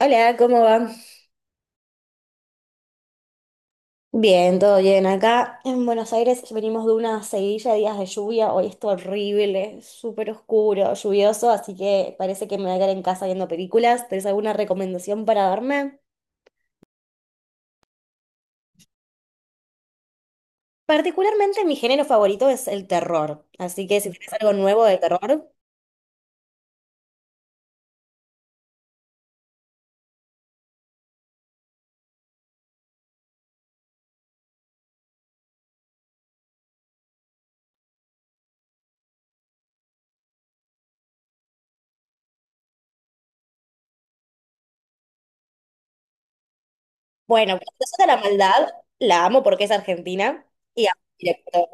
Hola, ¿cómo va? Bien, todo bien. Acá en Buenos Aires venimos de una seguidilla de días de lluvia. Hoy es horrible, súper oscuro, lluvioso, así que parece que me voy a quedar en casa viendo películas. ¿Tenés alguna recomendación para darme? Particularmente mi género favorito es el terror, así que si tienes algo nuevo de terror, bueno, Princesa de la Maldad, la amo porque es argentina y amo al director.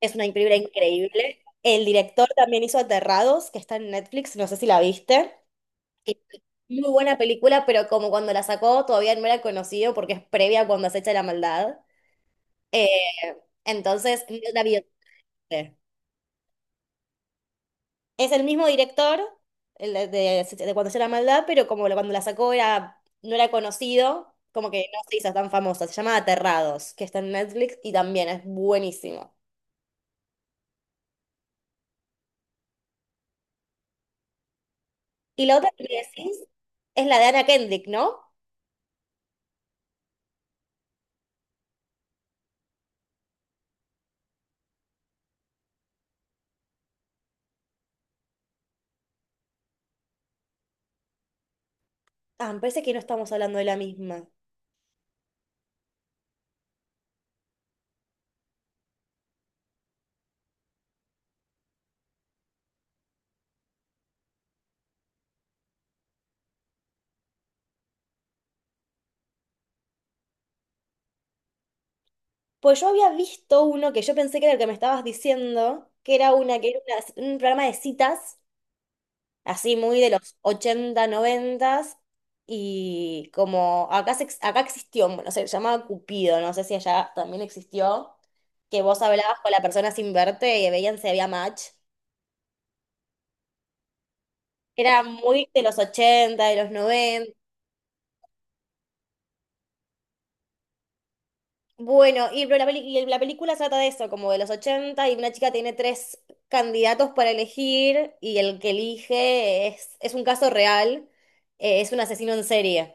Es una película increíble. El director también hizo Aterrados, que está en Netflix, no sé si la viste. Que es Muy buena película, pero como cuando la sacó todavía no era conocido porque es previa a cuando acecha la maldad. Eh, entonces, no la vi. Es el mismo director, el de, de cuando acecha la maldad, pero como cuando la sacó era, no era conocido, como que no se hizo tan famosa. Se llama Aterrados, que está en Netflix y también es buenísimo. Y la otra que me decís es la de Anna Kendrick, ¿no? Ah, me parece que no estamos hablando de la misma. Pues yo había visto uno que yo pensé que era el que me estabas diciendo, que era una, que era un programa de citas, así muy de los ochenta, 90, y como acá, acá existió, bueno, se llamaba Cupido, no sé si allá también existió, que vos hablabas con la persona sin verte y veían si había match. Era muy de los ochenta, de los noventa. Bueno, y pero la, y la película trata de eso, como de los 80 y una chica tiene tres candidatos para elegir, y el que elige es un caso real, es un asesino en serie.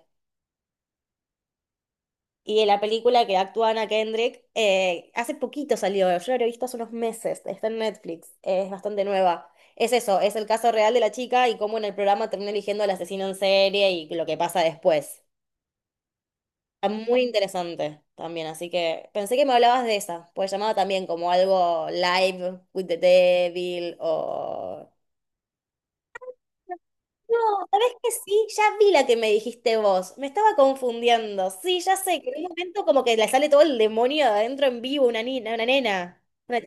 Y en la película que actúa Anna Kendrick, hace poquito salió, yo la he visto hace unos meses, está en Netflix, es bastante nueva. Es eso, es el caso real de la chica y cómo en el programa termina eligiendo al asesino en serie y lo que pasa después. Está muy interesante también, así que pensé que me hablabas de esa, pues llamaba también como algo Live with the Devil o... No, ¿sabés que sí? Ya vi la que me dijiste vos, me estaba confundiendo, sí, ya sé, que en un momento como que le sale todo el demonio de adentro en vivo, una niña, una nena. Una-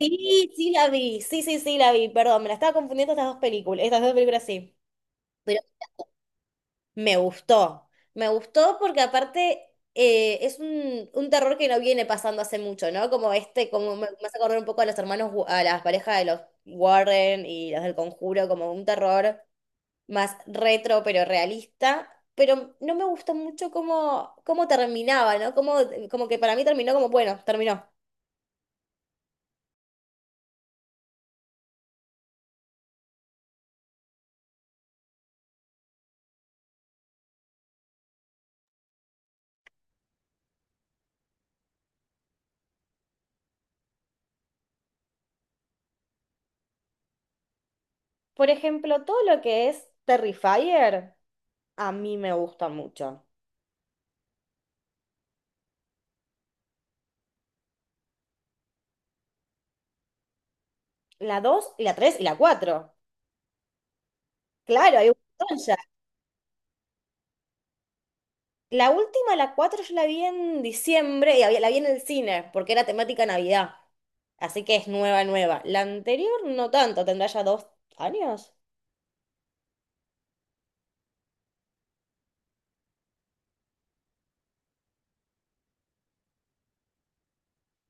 Sí, sí la vi, sí, sí, sí la vi, perdón, me la estaba confundiendo, estas dos películas sí. Me gustó, me gustó porque aparte es un terror que no viene pasando hace mucho, ¿no? Como este, como me hace acordar un poco a los hermanos, a las parejas de los Warren y los del Conjuro, como un terror más retro pero realista, pero no me gustó mucho cómo terminaba, ¿no? Como que para mí terminó como, bueno, terminó. Por ejemplo, todo lo que es Terrifier, a mí me gusta mucho. La dos y la 3 y la cuatro. Claro, hay un montón. La última, la 4 yo la vi en diciembre y la vi en el cine porque era temática Navidad. Así que es nueva, nueva. La anterior no tanto, tendrá ya 2 años.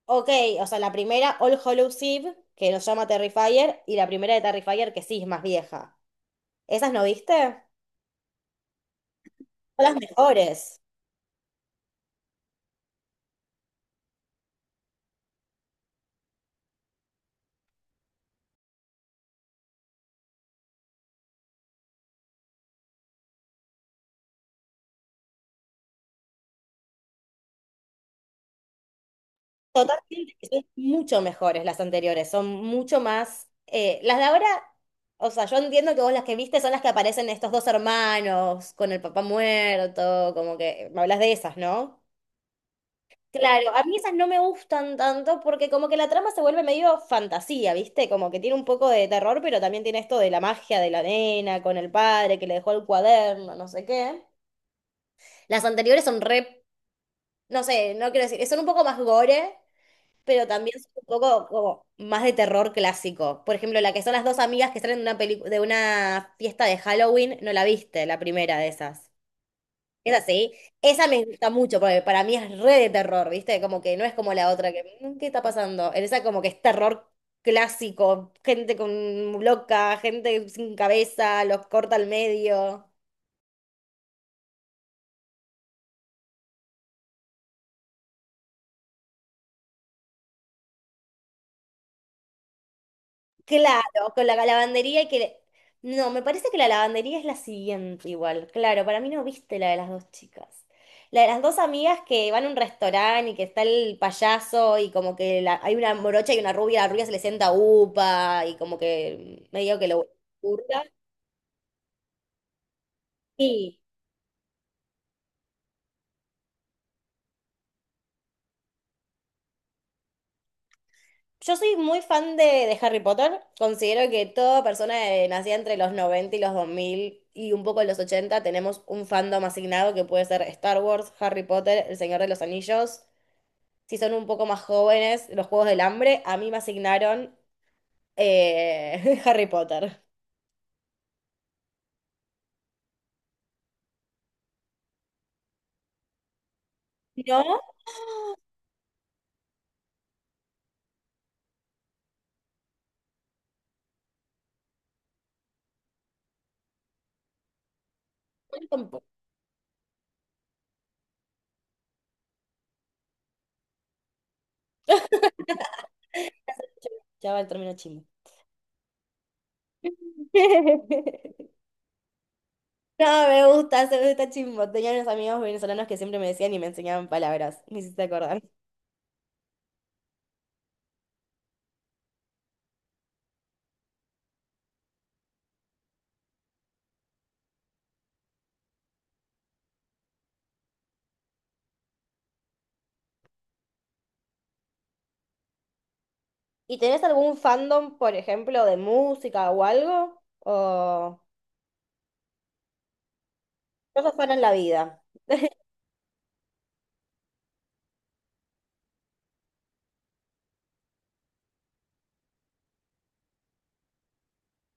Ok, o sea, la primera, All Hallows Eve, que nos llama Terrifier, y la primera de Terrifier, que sí es más vieja. ¿Esas no viste? Son las mejores. Totalmente, que son mucho mejores las anteriores, son mucho más... las de ahora, o sea, yo entiendo que vos las que viste son las que aparecen estos dos hermanos con el papá muerto, como que me hablas de esas, ¿no? Claro, a mí esas no me gustan tanto porque como que la trama se vuelve medio fantasía, ¿viste? Como que tiene un poco de terror, pero también tiene esto de la magia de la nena con el padre que le dejó el cuaderno, no sé qué. Las anteriores son re, no sé, no quiero decir, son un poco más gore, pero también son un poco como más de terror clásico. Por ejemplo, la que son las dos amigas que salen de una de una fiesta de Halloween, no la viste, la primera de esas. Es así. Esa me gusta mucho porque para mí es re de terror, ¿viste? Como que no es como la otra que, "Mm, ¿qué está pasando?" En esa como que es terror clásico, gente con loca, gente sin cabeza, los corta al medio. Claro, con la lavandería y que... No, me parece que la lavandería es la siguiente igual. Claro, para mí no viste la de las dos chicas. La de las dos amigas que van a un restaurante y que está el payaso y como que hay una morocha y una rubia, la rubia se le sienta upa y como que medio que lo hurta. Yo soy muy fan de Harry Potter. Considero que toda persona nacida entre los 90 y los 2000 y un poco los 80 tenemos un fandom asignado que puede ser Star Wars, Harry Potter, El Señor de los Anillos. Si son un poco más jóvenes, los Juegos del Hambre. A mí me asignaron Harry Potter. No, tampoco. Ya va el término chimbo. No, me gusta, se me gusta chimbo. Tenía unos amigos venezolanos que siempre me decían y me enseñaban palabras. Me hiciste acordar. ¿Y tenés algún fandom, por ejemplo, de música o algo? ¿O no sos fan en la vida?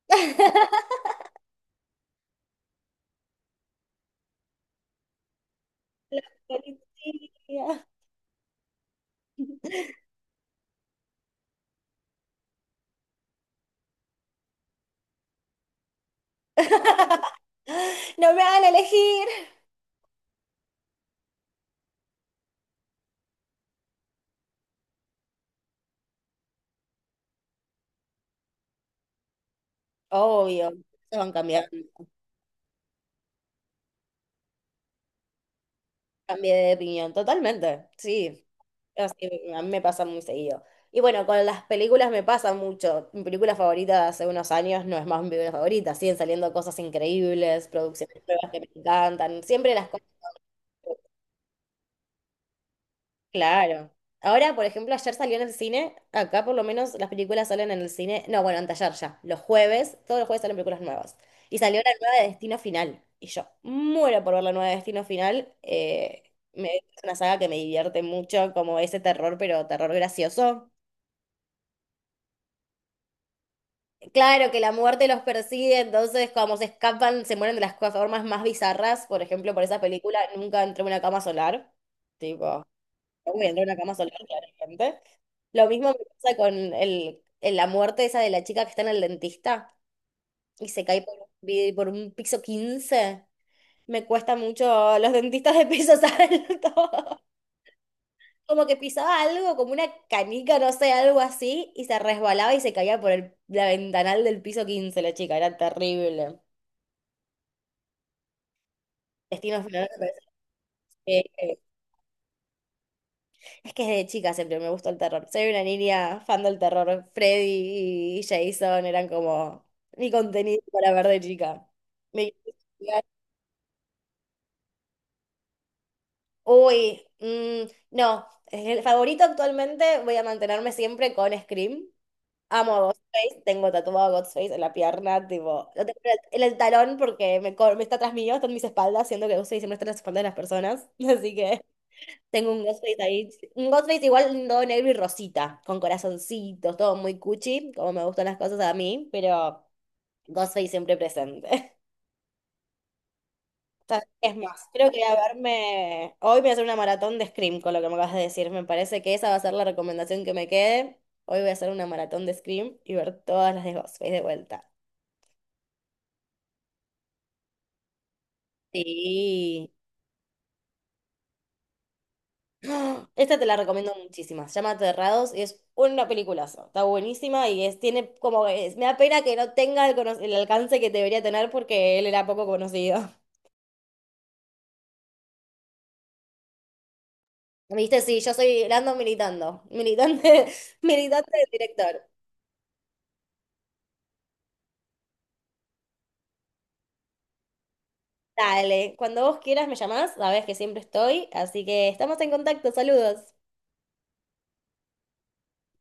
Policía. No me hagan elegir. Obvio, se van cambiando. Cambié de opinión totalmente, sí. Así, a mí me pasa muy seguido. Y bueno, con las películas me pasa mucho. Mi película favorita de hace unos años no es más mi película favorita. Siguen saliendo cosas increíbles, producciones nuevas que me encantan. Siempre las cosas. Claro. Ahora, por ejemplo, ayer salió en el cine, acá por lo menos las películas salen en el cine, no, bueno, anteayer ya, los jueves, todos los jueves salen películas nuevas. Y salió la nueva de Destino Final, y yo muero por ver la nueva de Destino Final, es una saga que me divierte mucho, como ese terror, pero terror gracioso. Claro que la muerte los persigue, entonces como se escapan, se mueren de las formas más bizarras. Por ejemplo, por esa película, nunca entré a una cama solar, tipo... durmiendo en una cama sola, claramente. Lo mismo me pasa con el, la muerte esa de la chica que está en el dentista y se cae por, por un piso 15. Me cuesta mucho los dentistas de pisos altos. Como que pisaba algo, como una canica, no sé, algo así, y se resbalaba y se caía por el, la ventanal del piso 15 la chica. Era terrible. Destino final, me parece. Es que desde chica siempre me gustó el terror. Soy una niña fan del terror. Freddy y Jason eran como mi contenido para ver de chica. Me... Uy, mm, no. El favorito actualmente voy a mantenerme siempre con Scream. Amo a Ghostface, tengo tatuado a Ghostface en la pierna, tipo, lo tengo en el talón porque me está tras mío, está en mis espaldas, siendo que Ghostface siempre está en las espaldas de las personas, así que... Tengo un Ghostface ahí, un Ghostface igual todo negro y rosita, con corazoncitos, todo muy cuchi, como me gustan las cosas a mí, pero Ghostface siempre presente. Es más, creo que voy a verme, hoy voy a hacer una maratón de Scream. Con lo que me acabas de decir, me parece que esa va a ser la recomendación que me quede. Hoy voy a hacer una maratón de Scream y ver todas las de Ghostface de vuelta. Sí. Esta te la recomiendo muchísimo. Se llama Aterrados y es una peliculaza. Está buenísima y es, tiene como, me da pena que no tenga el, el alcance que debería tener porque él era poco conocido. ¿Viste? Sí, yo soy Lando militando. Militante, militante del director. Dale, cuando vos quieras me llamás, sabés que siempre estoy. Así que estamos en contacto. Saludos.